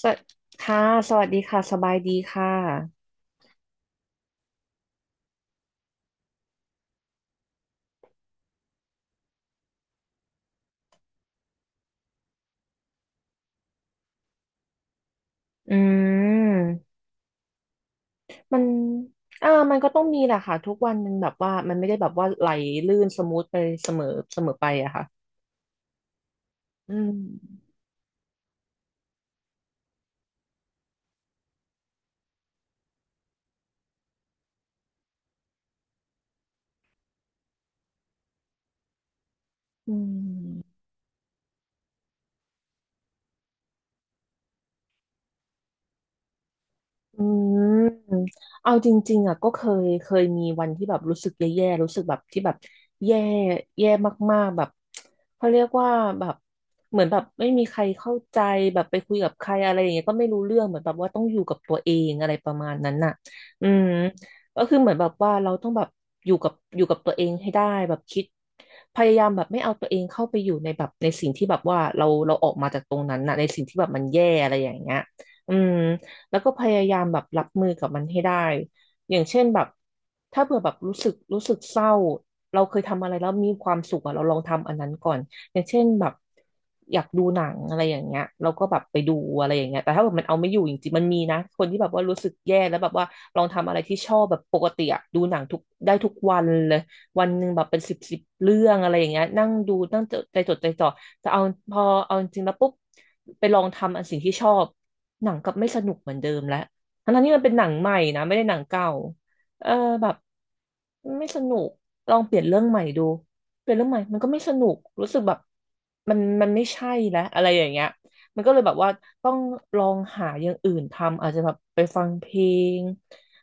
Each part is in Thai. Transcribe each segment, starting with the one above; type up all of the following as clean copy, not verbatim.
สวัสค่ะสวัสดีค่ะ สบายดีค่ะ อืม มัน มันก็ต้องมีแหละค่ะ ทุกวันมันแบบว่า มันไม่ได้แบบว่าไหลลื่นสมูทไปเสมอเสมอไปอะค่ะ อืมอืม อืมเอาจริงๆอ่ะก็เคยมีวันที่แบบรู้สึกแย่ๆรู้สึกแบบที่แบบแย่แย่มากๆแบบเขาเรียกว่าแบบเหมือนแบบไม่มีใครเข้าใจแบบไปคุยกับใครอะไรอย่างเงี้ยก็ไม่รู้เรื่องเหมือนแบบว่าต้องอยู่กับตัวเองอะไรประมาณนั้นน่ะอืมก็คือเหมือนแบบว่าเราต้องแบบอยู่กับตัวเองให้ได้แบบคิดพยายามแบบไม่เอาตัวเองเข้าไปอยู่ในแบบในสิ่งที่แบบว่าเราออกมาจากตรงนั้นน่ะในสิ่งที่แบบมันแย่อะไรอย่างเงี้ยอืม แล้วก็พยายามแบบรับมือกับมันให้ได้ อย่างเช่นแบบถ้าเผื่อแบบรู้สึกเศร้าเราเคยทำอะไรแล้วมีความสุขอะเราลองทำอันนั้นก่อนอย่างเช่นแบบอยากดูหนังอะไรอย่างเงี้ยเราก็แบบไปดูอะไรอย่างเงี้ยแต่ถ้าแบบมันเอาไม่อยู่จริงๆมันมีนะคนที่แบบว่ารู้สึกแย่แล้วแบบว่าลองทำอะไรที่ชอบแบบปกติอะดูหนังทุกได้ทุกวันเลย วันหนึ่งแบบเป็นสิบเรื่องอะไรอย่างเงี้ยนั่งดูนั่งจดใจจดใจจ่อแต่เอาพอเอาจริงแล้วปุ๊บไปลองทำสิ่งที่ชอบหนังกลับไม่สนุกเหมือนเดิมแล้วทั้งๆที่มันเป็นหนังใหม่นะไม่ได้หนังเก่าเออแบบไม่สนุกลองเปลี่ยนเรื่องใหม่ดูเปลี่ยนเรื่องใหม่มันก็ไม่สนุกรู้สึกแบบมันไม่ใช่แล้วอะไรอย่างเงี้ยมันก็เลยแบบว่าต้องลองหาอย่างอื่นทำอาจจะแบบไปฟังเพลง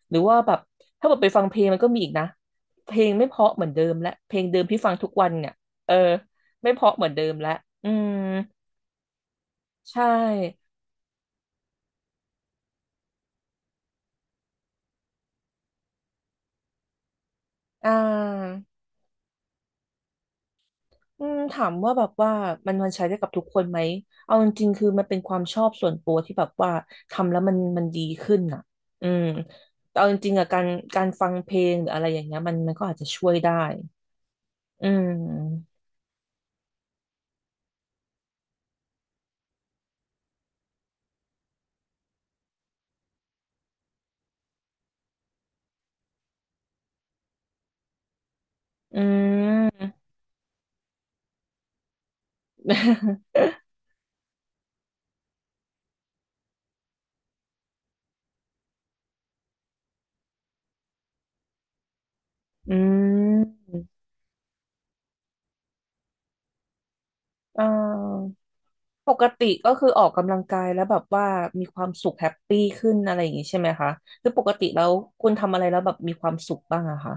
หรือว่าแบบถ้าแบบไปฟังเพลงมันก็มีอีกนะ เพลงไม่เพราะเหมือนเดิมและเพลงเดิมที่ฟังทุกวันเนี่ยเออไม่เพราะเหมือนเดิมและอืมใช่อ่าอืมถามว่าแบบว่ามันใช้ได้กับทุกคนไหมเอาจริงๆคือมันเป็นความชอบส่วนตัวที่แบบว่าทำแล้วมันดีขึ้นอ่ะอืมแต่เอาจริงๆอ่ะการฟังเพลงหรืออะไรอย่างเงี้ยมันมันก็อาจจะช่วยได้อืมอืม อืมอ่า ปกติก็คือออกกำลังกายแล้วแบบว่ามีความสุขแฮปปี้ขึ้นอะไรอย่างงี้ใช่ไหมคะคือปกติแล้วคุณทำอะไรแล้วแบบมีความสุขบ้างอะคะ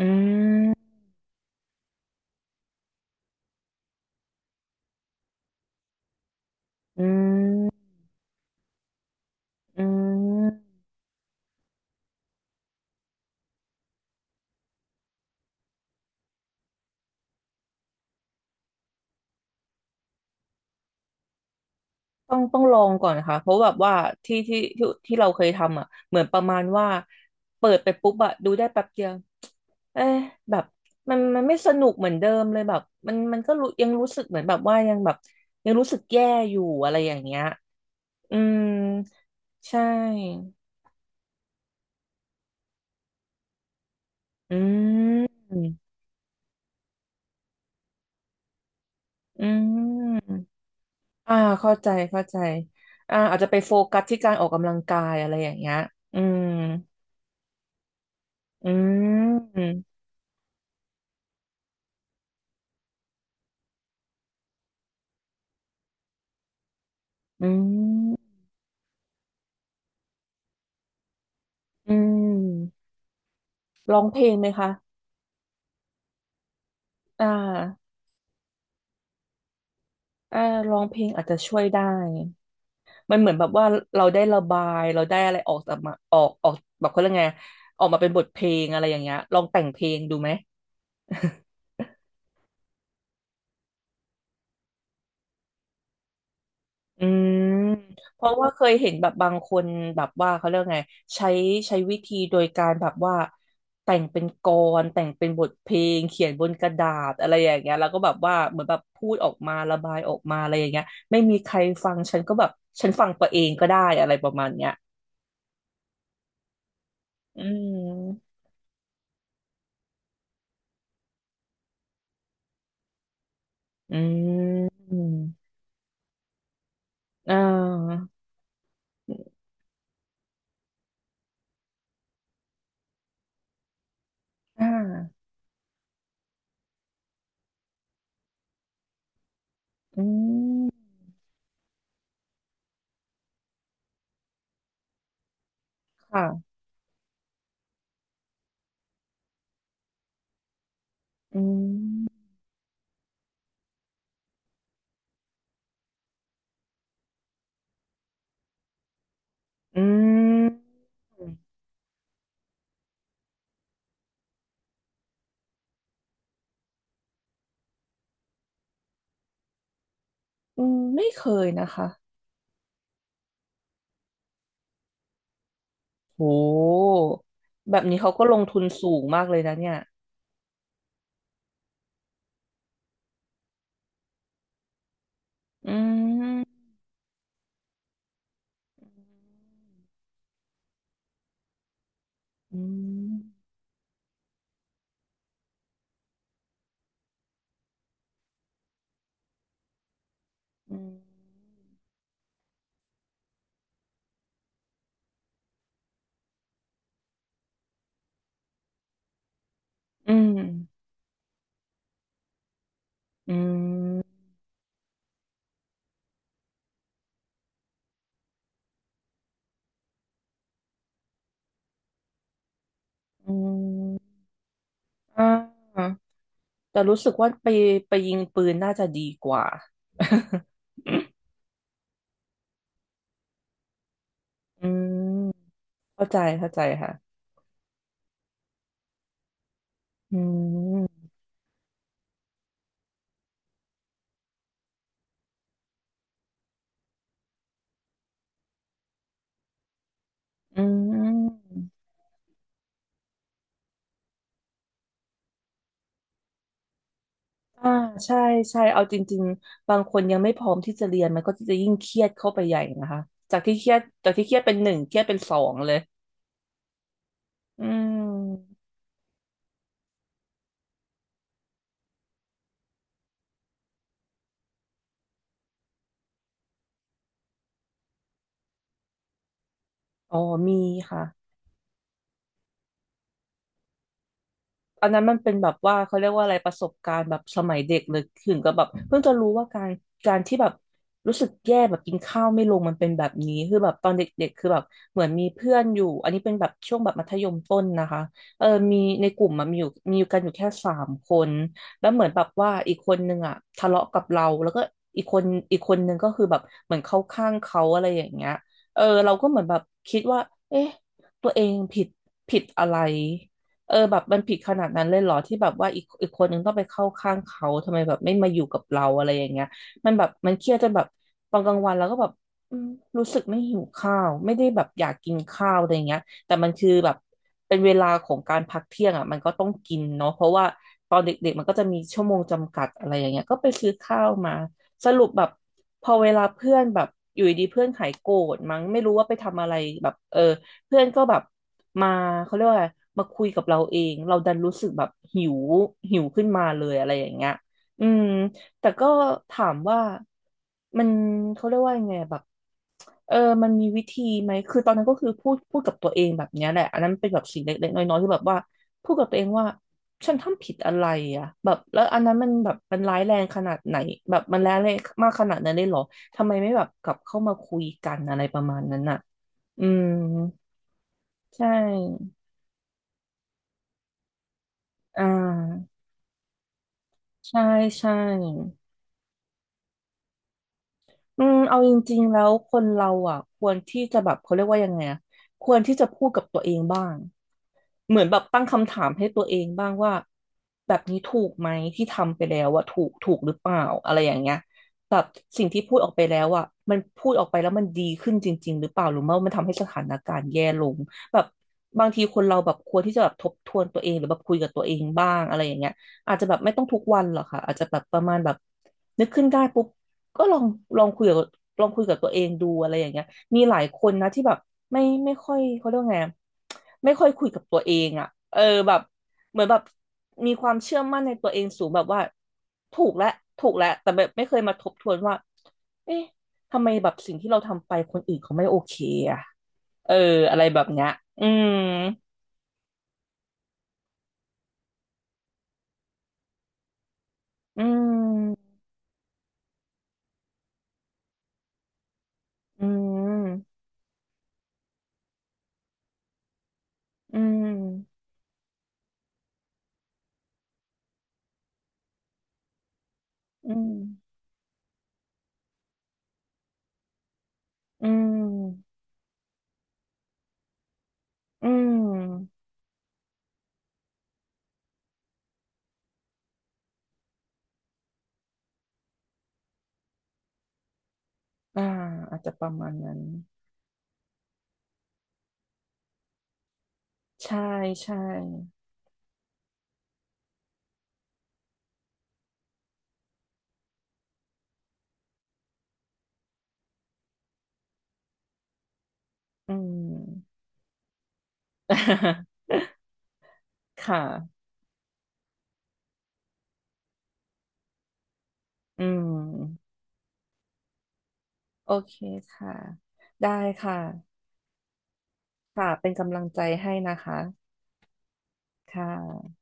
อืมอืมอืมต้องลองก่อนนะคะเพราะแบบว่าที่ที่เราเคยทำอะเหมือนประมาณว่าเปิดไปปุ๊บอะดูได้แป๊บเดียวเอ๊ะแบบมันไม่สนุกเหมือนเดิมเลยแบบมันมันก็รู้ยังรู้สึกเหมือนแบบว่ายังแบบยังรู้สึกแย่อยู่อะไรอย่างเงี้ยอืมใช่ อืมอืมอ่าเข้าใจเข้าใจอาจจะไปโฟกัสที่การออกกำลังกายอะไรอย่างเงี้ยอืมอืมอืมอืมร้องเพลงไหมคะอ่าอ่าร้องเพลงอาจจะช่วยได้มันเหมือนแบบว่าเราได้ระบาย เราได้อะไรออกจากมาออกออกแบบเขาเรียกไงออกมาเป็นบทเพลงอะไรอย่างเงี้ยลองแต่งเพลงดูไหม อืมเพราะว่าเคยเห็นแบบบางคนแบบว่าเขาเรียกไงใช้ใช้วิธีโดยการแบบว่าแต่งเป็นกลอนแต่งเป็นบทเพลงเขียนบนกระดาษอะไรอย่างเงี้ยแล้วก็แบบว่าเหมือนแบบพูดออกมาระบายออกมาอะไรอย่างเงี้ยไม่มีใครฟังฉันก็แบบฉันฟังตัวเองก็ได้อะไรประมาณเนี้ยอืมอืมอ่าอ่าอืมค่ะอืมอืมอืมไม่เคยนะคะ โห แบบนี้เขาก็ลงทุนสูงมากเลยนะเนี่ยอืมอืมอืมอืมอืมอืมอ่าแต่รู้สึกว่าไปยิงปืนน่าจะดีกว่า อืมเข้าใจเข้าใจค่ะอืมอืมอ่าใช่ใช่ เอาจริงๆบางคนยังไม่พร้อมที่จะเรียนมันก็จะยิ่งเครียดเข้าไปใหญ่นะคะ จากที่เครียดจากที่เครียดเป็นหนึ่งเครียดเป็นสองเลย อืมอ๋อมีค่ะ อันนั้นมันเป็นแบบว่าเขาเรียกว่าอะไรประสบการณ์แบบสมัยเด็กเลยถึงกับแบบเพิ่งจะรู้ว่าการที่แบบรู้สึกแย่แบบกินข้าวไม่ลงมันเป็นแบบนี้คือแบบตอนเด็กๆคือแบบเหมือนมีเพื่อนอยู่อันนี้เป็นแบบช่วงแบบมัธยมต้นนะคะเออมีในกลุ่มมันมีอยู่กันอยู่แค่สามคนแล้วเหมือนแบบว่าอีกคนนึงอ่ะทะเลาะกับเราแล้วก็อีกคนอีกคนนึงก็คือแบบเหมือนเข้าข้างเขาอะไรอย่างเงี้ยเออเราก็เหมือนแบบคิดว่าเอ๊ะตัวเองผิดผิดอะไร เออแบบมันผิดขนาดนั้นเลยเหรอที่แบบว่าอีกคนนึงต้องไปเข้าข้างเขาทำไมแบบไม่มาอยู่กับเราอะไรอย่างเงี้ยมันแบบมันเครียดจนแบบตอนกลางวันแล้วก็แบบอืมรู้สึกไม่หิวข้าวไม่ได้แบบอยากกินข้าวอะไรเงี้ยแต่มันคือแบบเป็นเวลาของการพักเที่ยงอ่ะมันก็ต้องกินเนาะเพราะว่าตอนเด็กๆมันก็จะมีชั่วโมงจำกัดอะไรอย่างเงี้ยก็ไปซื้อข้าวมาสรุปแบบพอเวลาเพื่อนแบบอยู่ดีๆเพื่อนหายโกรธมั้งไม่รู้ว่าไปทำอะไรแบบเออ เพื่อนก็แบบมาเขาเรียกว่าอะไรมาคุยกับเราเองเราดันรู้สึกแบบหิวขึ้นมาเลยอะไรอย่างเงี้ยอืมแต่ก็ถามว่ามันเขาเรียกว่ายังไงแบบเออมันมีวิธีไหมคือตอนนั้นก็คือพูดกับตัวเองแบบเนี้ยแหละอันนั้นเป็นแบบสิ่งเล็กๆน้อยๆที่แบบว่าพูดกับตัวเองว่าฉันทำผิดอะไรอ่ะแบบแล้วอันนั้นมันแบบมันร้ายแรงขนาดไหนแบบมันร้ายแรงมากขนาดนั้นเลยเหรอทำไมไม่แบบกลับเข้ามาคุยกันอะไรประมาณนั้นอ่ะอืม ใช่อ่าใช่ใช่ อืมเอาจริงๆแล้วคนเราอ่ะควรที่จะแบบเขาเรียกว่ายังไงอะควรที่จะพูดกับตัวเองบ้างเหมือนแบบตั้งคำถามให้ตัวเองบ้างว่าแบบนี้ถูกไหมที่ทำไปแล้วอะถูกหรือเปล่าอะไรอย่างเงี้ยแบบสิ่งที่พูดออกไปแล้วอ่ะมันพูดออกไปแล้วมันดีขึ้นจริงๆหรือเปล่าหรือว่ามันทำให้สถานการณ์แย่ลงแบบบางทีคนเราแบบควรที่จะแบบทบทวนตัวเองหรือแบบคุยกับตัวเองบ้างอะไรอย่างเงี้ยอาจจะแบบไม่ต้องทุกวันหรอกค่ะอาจจะแบบประมาณแบบนึกขึ้นได้ปุ๊บ ก็ลองลองคุยกับลองคุยกับตัวเองดูอะไรอย่างเงี้ยมีหลายคนนะที่แบบไม่ค่อยเขาเรียกว่าไงอะไม่ค่อยคุยกับตัวเองอ่ะเออแบบเหมือนแบบมีความเชื่อมั่นในตัวเองสูงแบบว่าถูกแล้วถูกแล้วแต่แบบไม่เคยมาทบทวนว่าเอ๊ะทำไมแบบสิ่งที่เราทำไปคนอื่นเขาไม่โอเคอ่ะเอออะไรแบบเนี้ยอืมอืมอืมอืมอืมอืมอืมอ่าอาจจะประมาณนั้น ใช่ใช่ อืม ค่ะ อืม โอเคค่ะ ได้ค่ะค่ะเป็นกำลังใจให้นะคะ ค่ะ